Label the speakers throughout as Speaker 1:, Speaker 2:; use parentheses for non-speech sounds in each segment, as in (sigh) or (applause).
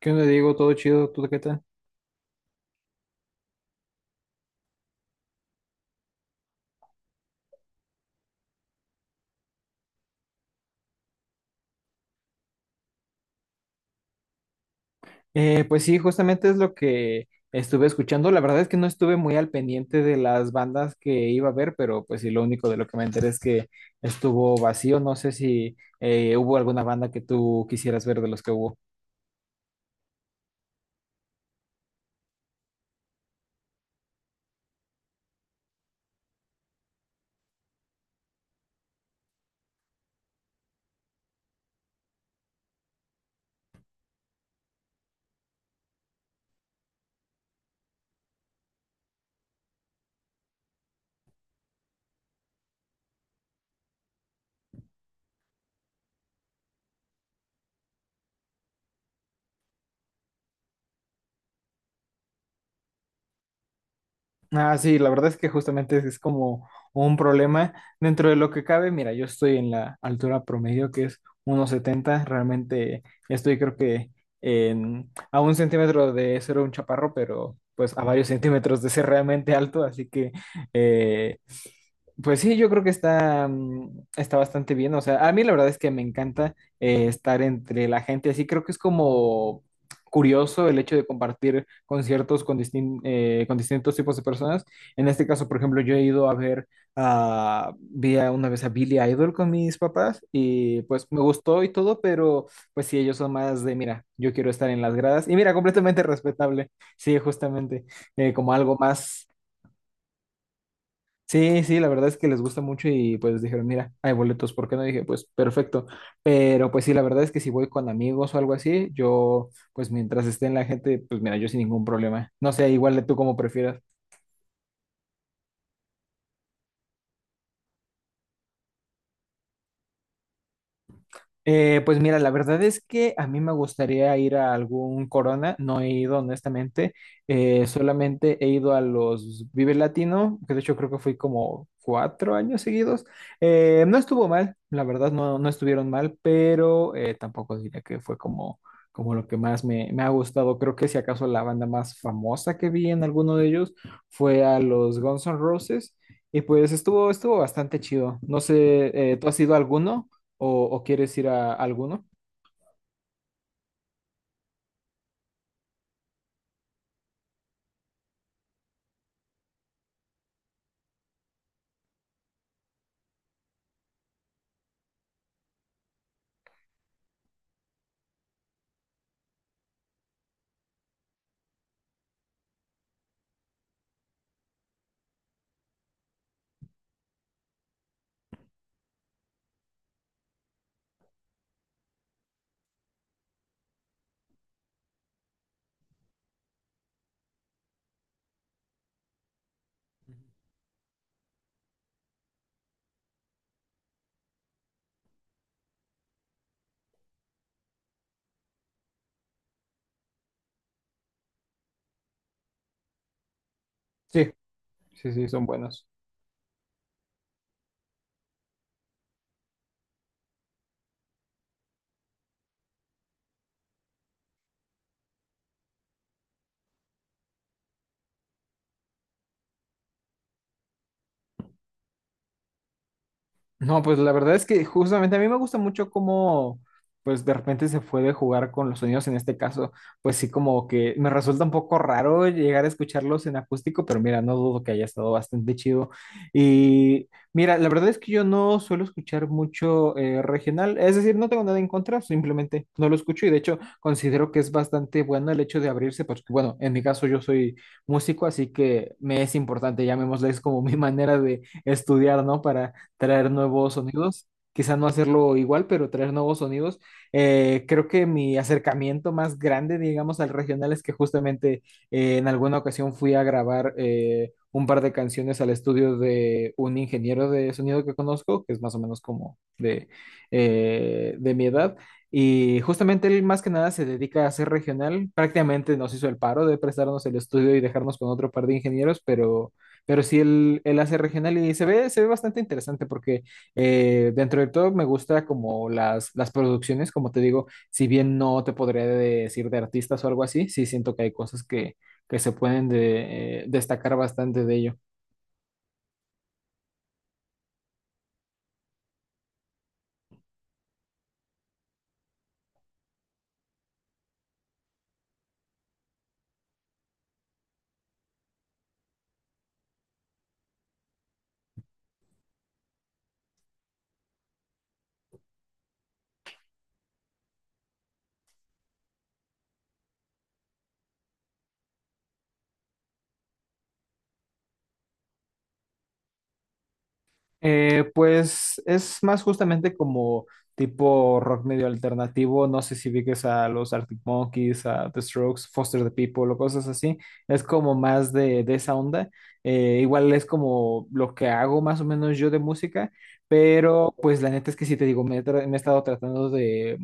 Speaker 1: ¿Qué onda, Diego? ¿Todo chido? ¿Tú qué tal? Pues sí, justamente es lo que estuve escuchando. La verdad es que no estuve muy al pendiente de las bandas que iba a ver, pero pues sí, lo único de lo que me enteré es que estuvo vacío. No sé si hubo alguna banda que tú quisieras ver de los que hubo. Ah, sí, la verdad es que justamente es como un problema. Dentro de lo que cabe, mira, yo estoy en la altura promedio, que es 1,70. Realmente estoy creo que a un centímetro de ser un chaparro, pero pues a varios centímetros de ser realmente alto. Así que, eh, pues sí, yo creo que está bastante bien. O sea, a mí la verdad es que me encanta estar entre la gente. Así creo que es como curioso el hecho de compartir conciertos con distintos tipos de personas. En este caso, por ejemplo, yo he ido a ver, una vez a Billy Idol con mis papás y pues me gustó y todo, pero pues sí, ellos son más de, mira, yo quiero estar en las gradas y mira, completamente respetable, sí, justamente, como algo más. Sí, sí, la verdad es que les gusta mucho y pues dijeron, mira, hay boletos, ¿por qué no? Dije, pues perfecto, pero pues sí, la verdad es que si voy con amigos o algo así, yo pues mientras esté en la gente, pues mira, yo sin ningún problema. No sé, igual tú como prefieras. Pues mira, la verdad es que a mí me gustaría ir a algún Corona, no he ido honestamente, solamente he ido a los Vive Latino, que de hecho creo que fui como 4 años seguidos. No estuvo mal, la verdad no, no estuvieron mal, pero tampoco diría que fue como lo que más me ha gustado. Creo que si acaso la banda más famosa que vi en alguno de ellos fue a los Guns N' Roses y pues estuvo bastante chido. No sé, ¿tú has ido a alguno? ¿O, o quieres ir a alguno? Sí, sí, sí, son buenos. No, pues la verdad es que justamente a mí me gusta mucho cómo, pues de repente se puede jugar con los sonidos en este caso, pues sí como que me resulta un poco raro llegar a escucharlos en acústico, pero mira, no dudo que haya estado bastante chido. Y mira, la verdad es que yo no suelo escuchar mucho regional, es decir, no tengo nada en contra, simplemente no lo escucho y de hecho considero que es bastante bueno el hecho de abrirse, porque bueno, en mi caso yo soy músico, así que me es importante, llamémosle, es como mi (laughs) manera de estudiar, ¿no? Para traer nuevos sonidos. Quizá no hacerlo igual, pero traer nuevos sonidos. Creo que mi acercamiento más grande, digamos, al regional es que justamente en alguna ocasión fui a grabar un par de canciones al estudio de un ingeniero de sonido que conozco, que es más o menos como de mi edad. Y justamente él más que nada se dedica a hacer regional. Prácticamente nos hizo el paro de prestarnos el estudio y dejarnos con otro par de ingenieros, pero sí, él hace regional y se ve bastante interesante porque dentro de todo me gusta como las producciones, como te digo, si bien no te podría decir de artistas o algo así, sí siento que hay cosas que se pueden destacar bastante de ello. Pues es más justamente como tipo rock medio alternativo. No sé si ubiques a los Arctic Monkeys, a The Strokes, Foster the People o cosas así. Es como más de esa onda. Igual es como lo que hago más o menos yo de música, pero pues la neta es que sí te digo, me he estado tratando de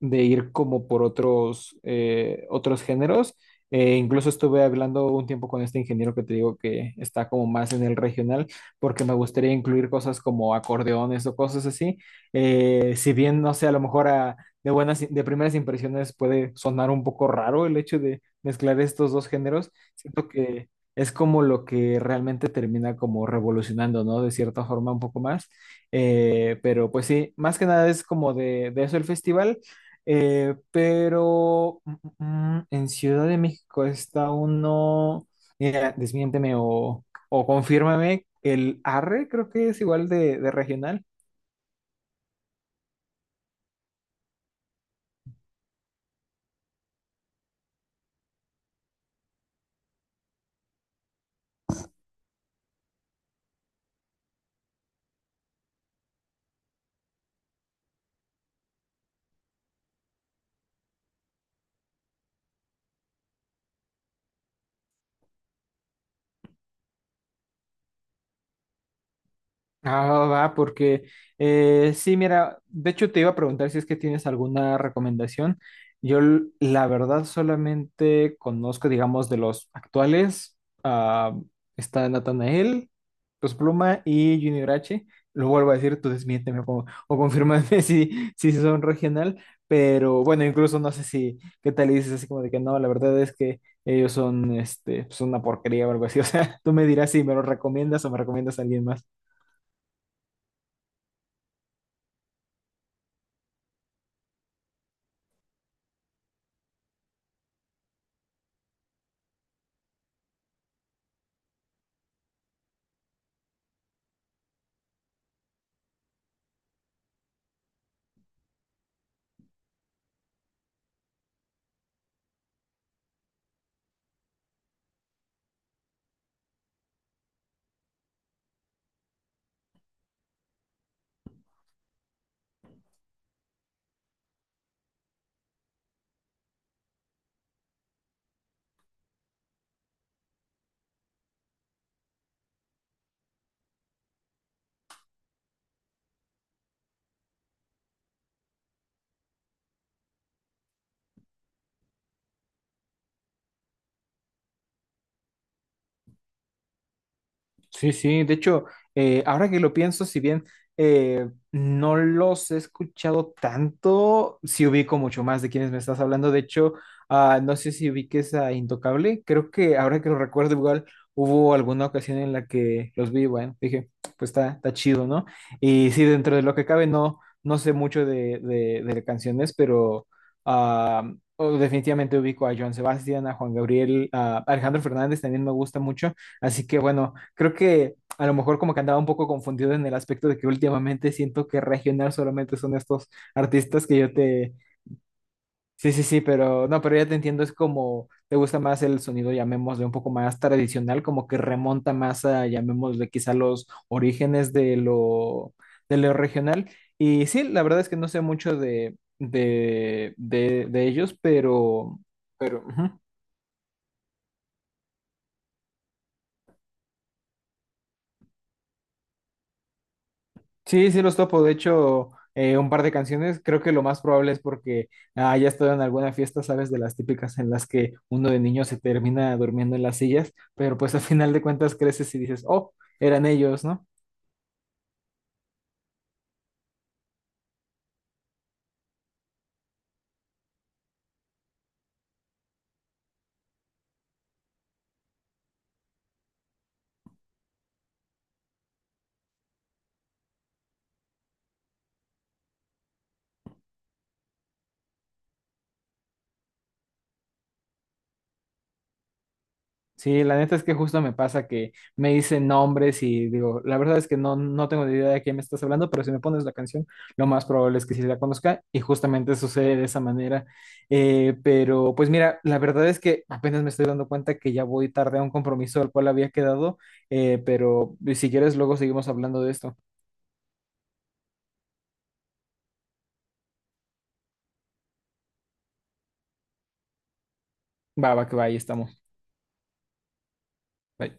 Speaker 1: de ir como por otros géneros. Incluso estuve hablando un tiempo con este ingeniero que te digo que está como más en el regional, porque me gustaría incluir cosas como acordeones o cosas así. Si bien, no sé, a lo mejor de buenas, de primeras impresiones puede sonar un poco raro el hecho de mezclar estos dos géneros, siento que es como lo que realmente termina como revolucionando, ¿no? De cierta forma un poco más. Pero pues sí, más que nada es como de eso el festival. Pero en Ciudad de México está uno, mira, desmiénteme o confírmame, el ARRE creo que es igual de regional. Ah, va, porque sí, mira, de hecho te iba a preguntar si es que tienes alguna recomendación. Yo la verdad solamente conozco, digamos, de los actuales, ah, está Natanael, Los Pluma y Junior H. Lo vuelvo a decir, tú desmiénteme o confírmame (laughs) si son regional, pero bueno, incluso no sé si, qué tal y dices así como de que no, la verdad es que ellos son una porquería o algo así. (laughs) O sea, tú me dirás si me lo recomiendas o me recomiendas a alguien más. Sí, sí, de hecho, ahora que lo pienso, si bien no los he escuchado tanto, sí ubico mucho más de quienes me estás hablando. De hecho, no sé si ubiques a Intocable. Creo que ahora que lo recuerdo, igual hubo alguna ocasión en la que los vi, bueno, dije, pues está chido, ¿no? Y sí, dentro de lo que cabe, no, no sé mucho de canciones, pero ah, oh, definitivamente ubico a Joan Sebastián, a Juan Gabriel, a Alejandro Fernández también me gusta mucho. Así que bueno, creo que a lo mejor como que andaba un poco confundido en el aspecto de que últimamente siento que regional solamente son estos artistas que yo te... Sí, sí, sí, pero no, pero ya te entiendo, es como te gusta más el sonido, llamémosle un poco más tradicional, como que remonta más a, llamémosle quizá los orígenes de lo regional. Y sí, la verdad es que no sé mucho de ellos, pero, ujú. Sí, sí los topo. De hecho, un par de canciones. Creo que lo más probable es porque ya he estado en alguna fiesta, ¿sabes? De las típicas en las que uno de niño se termina durmiendo en las sillas, pero pues a final de cuentas creces y dices, oh, eran ellos, ¿no? Sí, la neta es que justo me pasa que me dicen nombres y digo, la verdad es que no, no tengo ni idea de quién me estás hablando, pero si me pones la canción, lo más probable es que sí la conozca y justamente sucede de esa manera. Pero pues mira, la verdad es que apenas me estoy dando cuenta que ya voy tarde a un compromiso al cual había quedado, pero si quieres luego seguimos hablando de esto. Va, va, que va, ahí estamos. Bye.